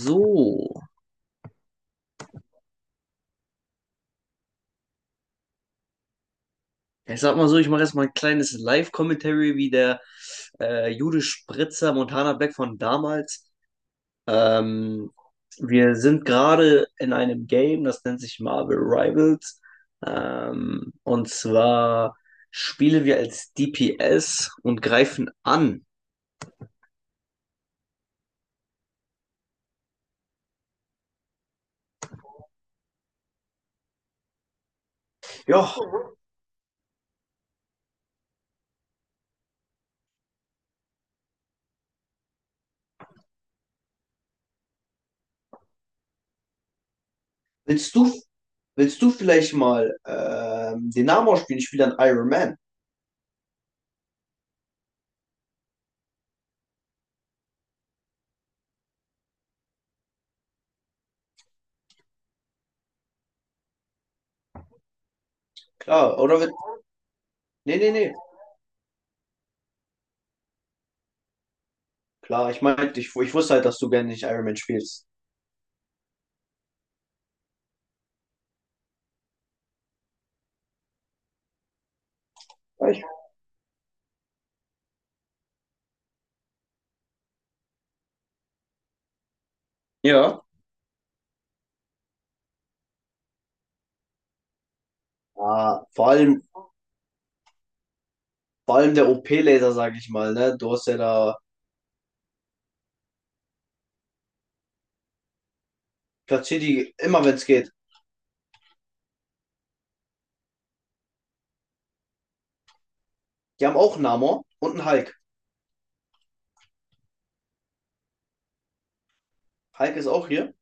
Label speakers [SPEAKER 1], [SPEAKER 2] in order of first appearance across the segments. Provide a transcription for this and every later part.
[SPEAKER 1] So. Ja, ich sag mal so, ich mache jetzt mal ein kleines Live-Commentary, wie der Jude Spritzer Montana Black von damals. Ähm, Wir sind gerade in einem Game, das nennt sich Marvel Rivals. Und zwar spielen wir als DPS und greifen an. Ja, willst du, willst du vielleicht mal den Namen ausspielen? Ich spiele dann Iron Man. Klar, oder? Will, nee, nee, nee. Klar, ich meinte, ich wusste halt, dass du gerne nicht Iron Man spielst. Ich, Ja, ah, vor allem der OP-Laser, sage ich mal, ne? Du hast ja da platziert die immer, wenn es geht. Die haben auch einen Namor und einen Hulk. Hulk ist auch hier.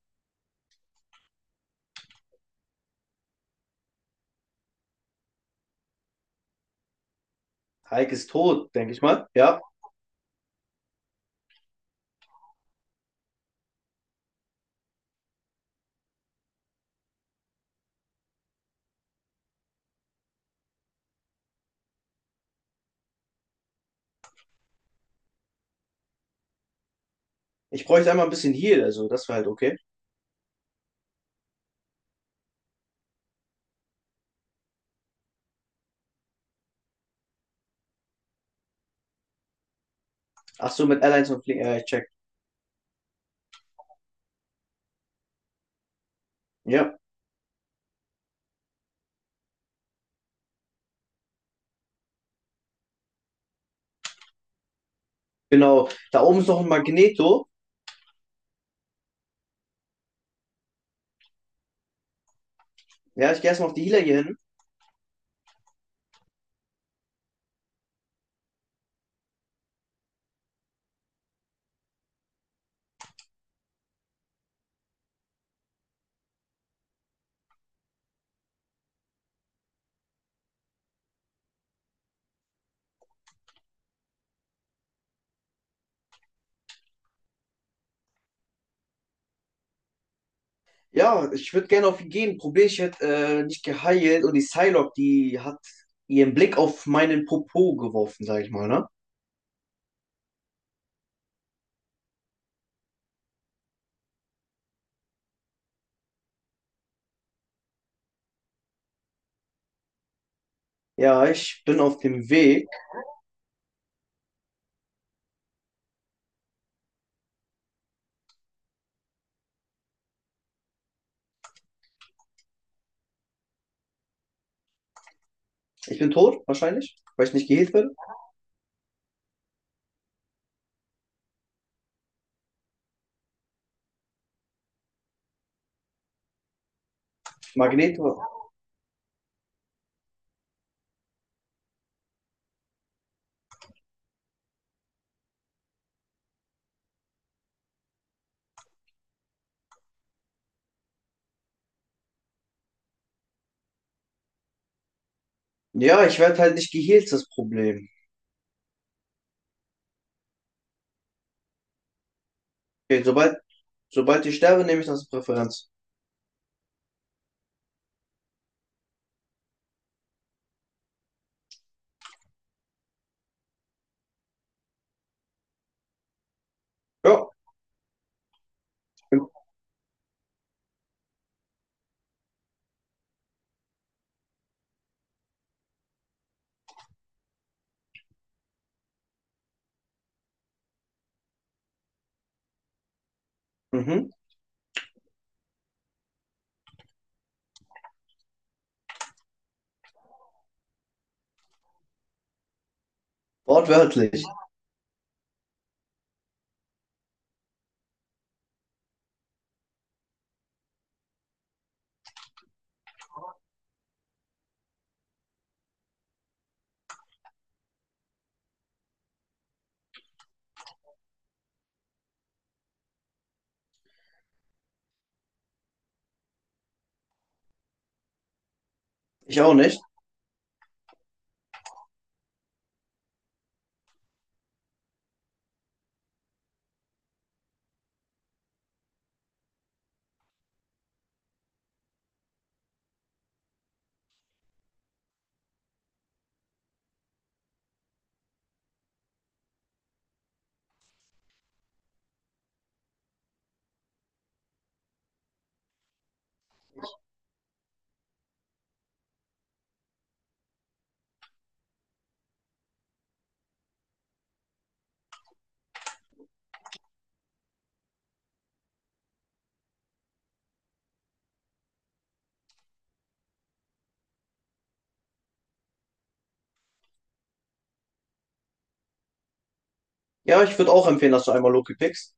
[SPEAKER 1] Hulk ist tot, denke ich mal. Ja. Ich bräuchte einmal ein bisschen Heal, also das wäre halt okay. Ach so, mit Allies und Fliegen, ja, ich check. Ja, genau. Da oben ist noch ein Magneto. Ja, ich gehe erstmal auf die Healer hier hin. Ja, ich würde gerne auf ihn gehen. Probier, ich hätte nicht geheilt und die Psylocke, die hat ihren Blick auf meinen Popo geworfen, sag ich mal, ne? Ja, ich bin auf dem Weg. Ich bin tot, wahrscheinlich, weil ich nicht geheilt werde. Magnet. Ja, ich werde halt nicht geheilt, das Problem. Okay, sobald ich sterbe, nehme ich das als Präferenz. Ja. Mhm. Wortwörtlich. Ich auch nicht. Ja, ich würde auch empfehlen, dass du einmal Loki pickst.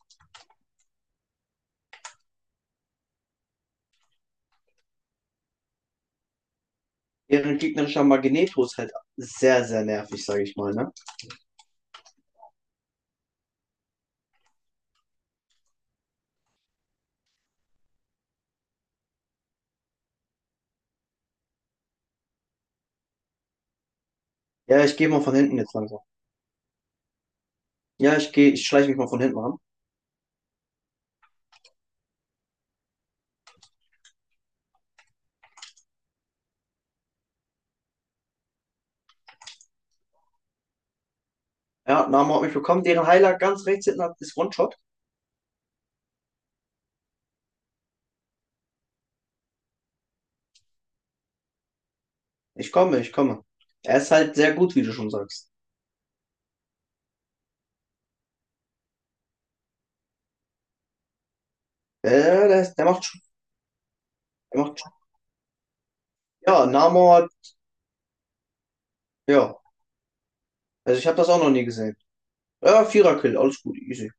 [SPEAKER 1] Deren gegnerischer Magneto ist halt sehr, sehr nervig, sage ich mal, ne? Ja, ich gehe mal von hinten jetzt langsam. Ja, ich schleiche mich mal von hinten ran. Ja, Name hat mich bekommen. Deren Heiler ganz rechts hinten ist One-Shot. Ich komme. Er ist halt sehr gut, wie du schon sagst. Äh, der, ist- der macht, sch- der macht. Ja, ja. Also ich habe das auch noch nie gesehen. Ja, Vierer-Kill, alles gut, easy.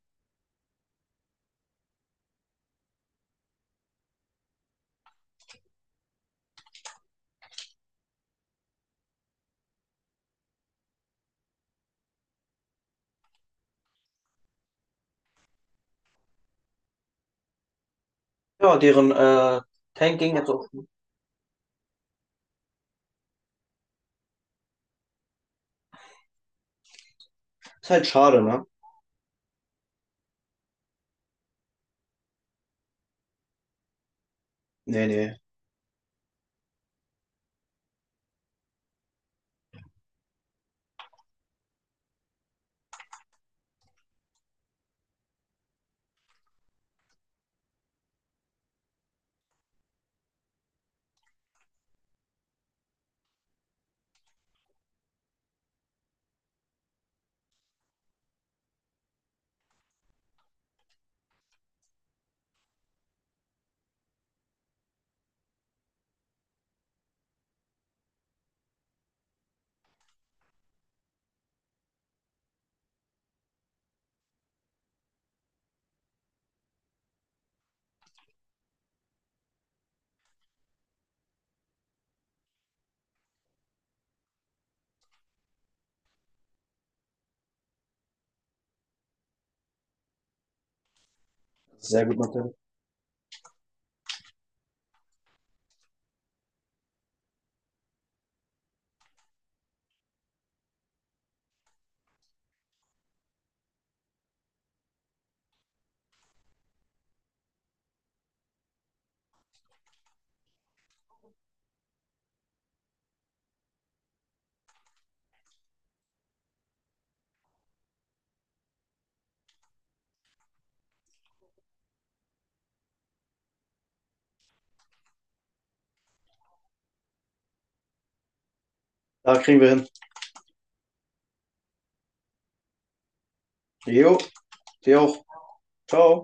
[SPEAKER 1] Ja, deren Tank ging jetzt auch. Ist halt schade, ne? Nee, nee. Sehr gut, Mathe. Da kriegen wir hin. Jo, dir auch. Ciao.